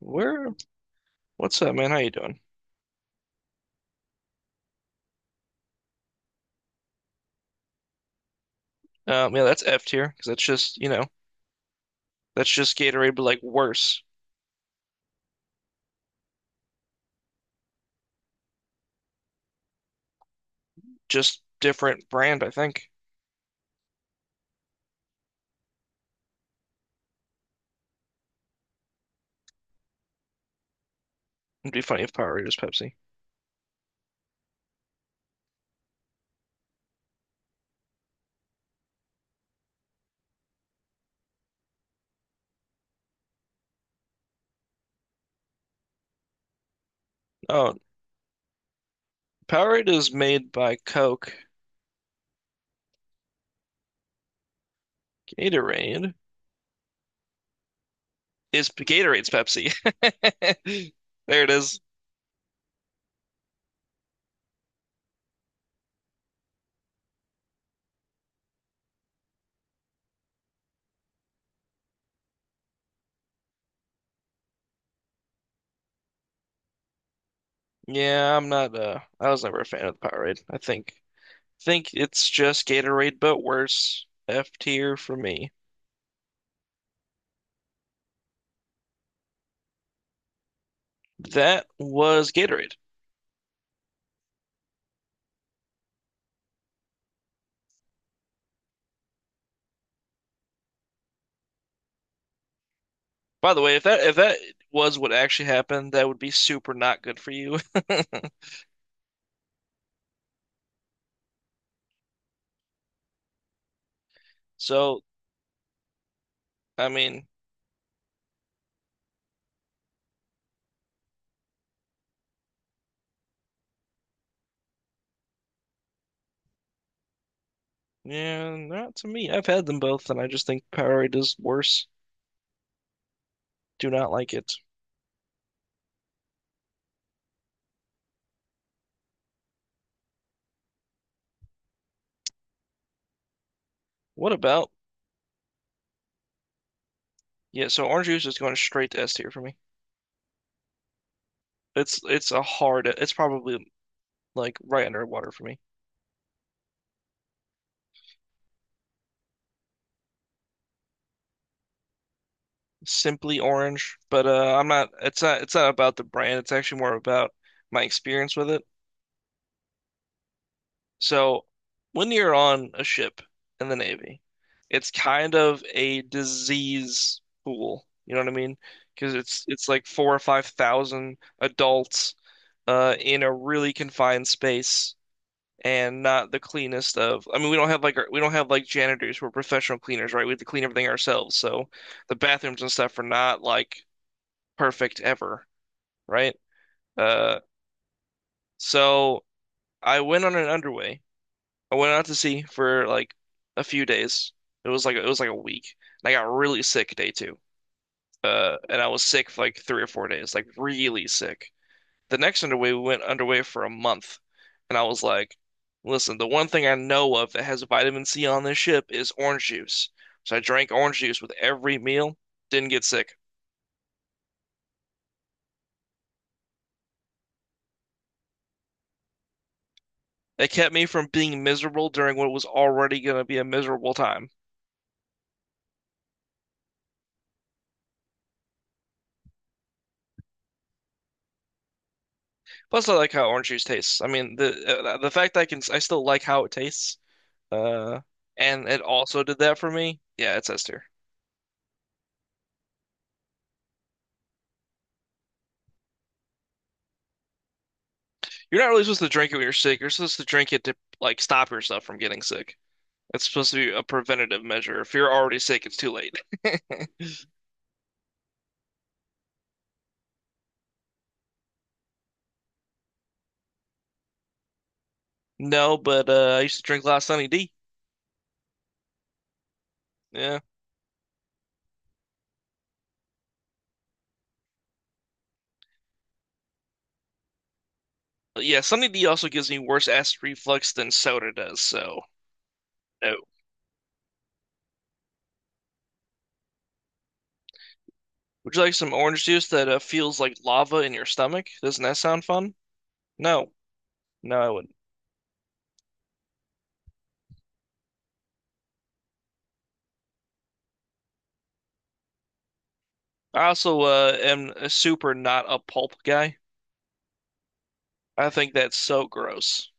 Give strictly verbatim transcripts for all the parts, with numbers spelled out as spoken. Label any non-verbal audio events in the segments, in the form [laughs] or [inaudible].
Where? What's up, man? How you doing? Um, yeah, that's F tier because that's just you know that's just Gatorade, but like worse. Just different brand. I think it'd be funny if Powerade was Pepsi. Oh, Powerade is made by Coke. Gatorade is Gatorade's Pepsi. [laughs] There it is. Yeah, I'm not. Uh, I was never a fan of the Powerade. I think think it's just Gatorade, but worse. F tier for me. That was Gatorade. By the way, if that if that was what actually happened, that would be super not good for you. [laughs] So, I mean, yeah, not to me. I've had them both, and I just think Powerade is worse. Do not like it. What about? Yeah, so orange juice is going straight to S tier for me. It's it's a hard. It's probably like right under water for me. Simply orange, but uh, I'm not. It's not. It's not about the brand. It's actually more about my experience with it. So, when you're on a ship in the Navy, it's kind of a disease pool. You know what I mean? Because it's it's like four or five thousand adults uh, in a really confined space and not the cleanest of. I mean, we don't have like our, we don't have like janitors who are professional cleaners, right? We have to clean everything ourselves. So the bathrooms and stuff are not like perfect ever, right? Uh, so I went on an underway I went out to sea for like a few days. It was like it was like a week. And I got really sick day two. Uh, and I was sick for like three or four days, like really sick. The next underway, we went underway for a month, and I was like, "Listen, the one thing I know of that has vitamin C on this ship is orange juice." So I drank orange juice with every meal. Didn't get sick. It kept me from being miserable during what was already going to be a miserable time. Plus, I like how orange juice tastes. I mean, the uh, the fact that I can I still like how it tastes. Uh, and it also did that for me. Yeah, it's ester. You're not really supposed to drink it when you're sick. You're supposed to drink it to like stop yourself from getting sick. It's supposed to be a preventative measure. If you're already sick, it's too late. [laughs] No, but uh, I used to drink a lot of Sunny D. Yeah, but yeah, Sunny D also gives me worse acid reflux than soda does. So no. Would you like some orange juice that uh, feels like lava in your stomach? Doesn't that sound fun? No, no, I wouldn't. I also uh, am a super not a pulp guy. I think that's so gross.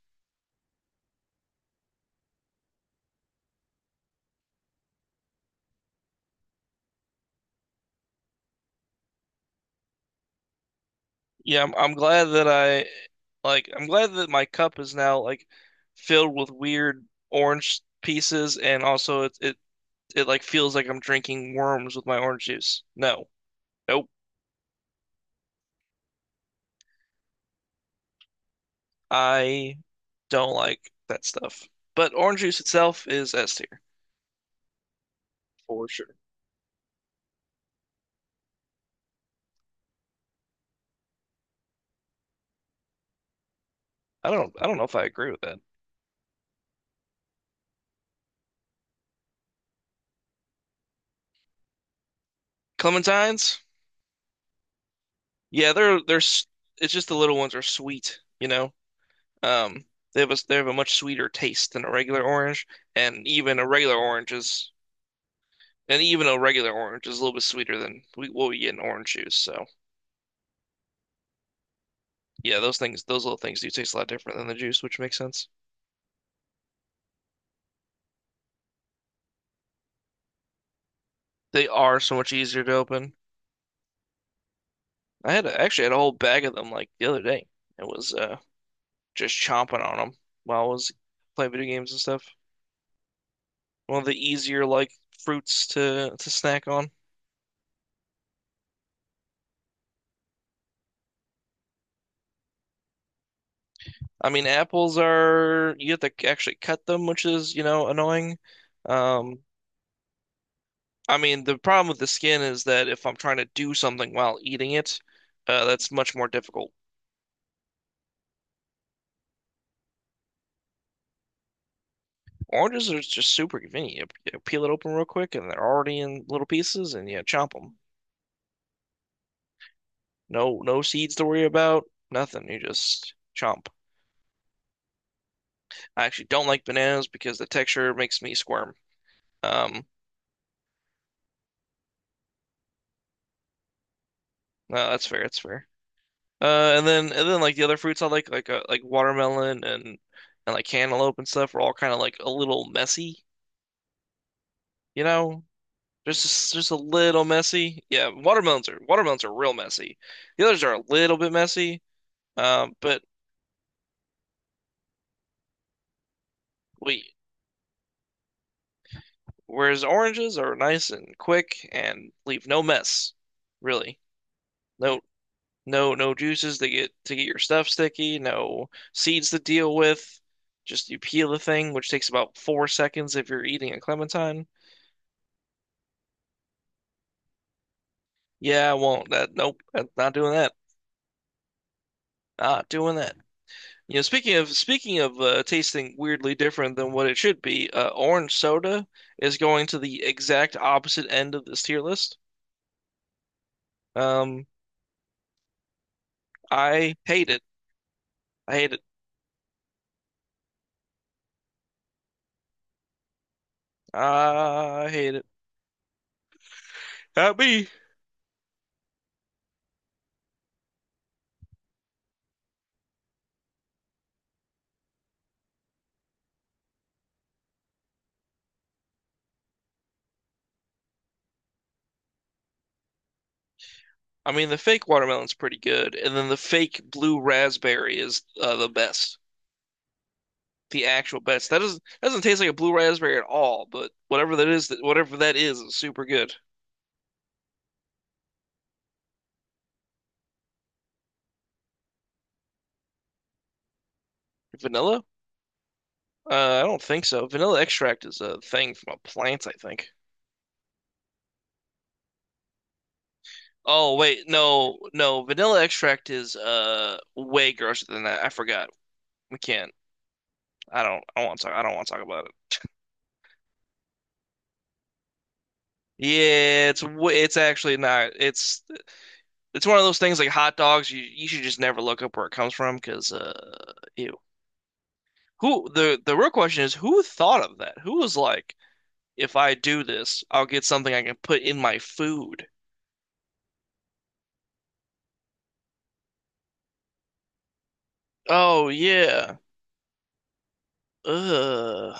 Yeah, I'm, I'm glad that I like I'm glad that my cup is now like filled with weird orange pieces, and also it it, it like feels like I'm drinking worms with my orange juice. No. Nope. I don't like that stuff. But orange juice itself is S tier for sure. I don't I don't know if I agree with that. Clementines? Yeah, they're they're s- it's just the little ones are sweet, you know. Um they have a, they have a much sweeter taste than a regular orange, and even a regular orange is And even a regular orange is a little bit sweeter than we, what we get in orange juice. So yeah, those things, those little things do taste a lot different than the juice, which makes sense. They are so much easier to open. I had a, actually had a whole bag of them like the other day. It was uh, just chomping on them while I was playing video games and stuff. One of the easier like fruits to to snack on. I mean, apples are you have to actually cut them, which is, you know, annoying. Um, I mean, the problem with the skin is that if I'm trying to do something while eating it, uh, that's much more difficult. Oranges are just super convenient. You, you peel it open real quick, and they're already in little pieces, and you chomp them. No, no seeds to worry about. Nothing. You just chomp. I actually don't like bananas because the texture makes me squirm. Um, no, that's fair. That's fair. Uh, and then and then like the other fruits I like, like uh, like watermelon and and like cantaloupe and stuff, are all kind of like a little messy, you know? There's just, just a little messy. Yeah, watermelons are watermelons are real messy. The others are a little bit messy. Um, but we Whereas oranges are nice and quick and leave no mess, really. No no no juices to get to get your stuff sticky, no seeds to deal with. Just you peel the thing, which takes about four seconds if you're eating a clementine. Yeah, I won't. That nope, I'm not doing that. Not doing that. You know, speaking of speaking of uh, tasting weirdly different than what it should be, uh, orange soda is going to the exact opposite end of this tier list. Um, I hate it. I hate it. I hate it. Not me. I mean, the fake watermelon's pretty good, and then the fake blue raspberry is uh, the best, the actual best. That doesn't doesn't taste like a blue raspberry at all, but whatever that is, that whatever that is, is super good. Vanilla? Uh, I don't think so. Vanilla extract is a thing from a plant, I think. Oh wait, no, no. Vanilla extract is uh way grosser than that. I forgot. We can't. I don't. I want to talk. I don't want to talk about it. Yeah, it's w- it's actually not. It's it's one of those things like hot dogs. You you should just never look up where it comes from because uh ew. Who the the real question is who thought of that? Who was like, if I do this, I'll get something I can put in my food. Oh yeah. Ugh.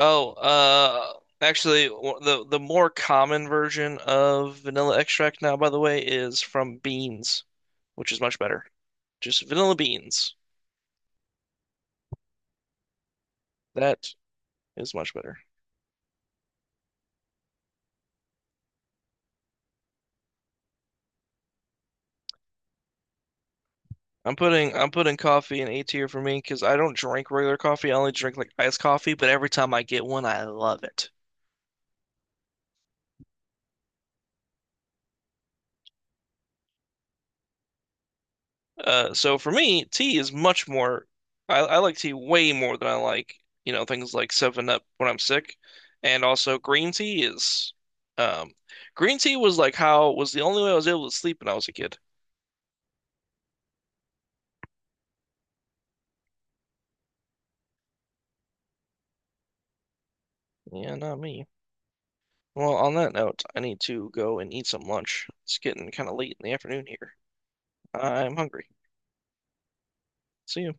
Oh, uh, actually, w- the the more common version of vanilla extract now, by the way, is from beans, which is much better. Just vanilla beans. That is much better. I'm putting I'm putting coffee in A tier for me because I don't drink regular coffee. I only drink like iced coffee, but every time I get one, I love it. Uh, so for me, tea is much more. I, I like tea way more than I like, you know, things like Seven Up when I'm sick, and also green tea is. Um, Green tea was like how was the only way I was able to sleep when I was a kid. Yeah, not me. Well, on that note, I need to go and eat some lunch. It's getting kind of late in the afternoon here. I'm hungry. See you.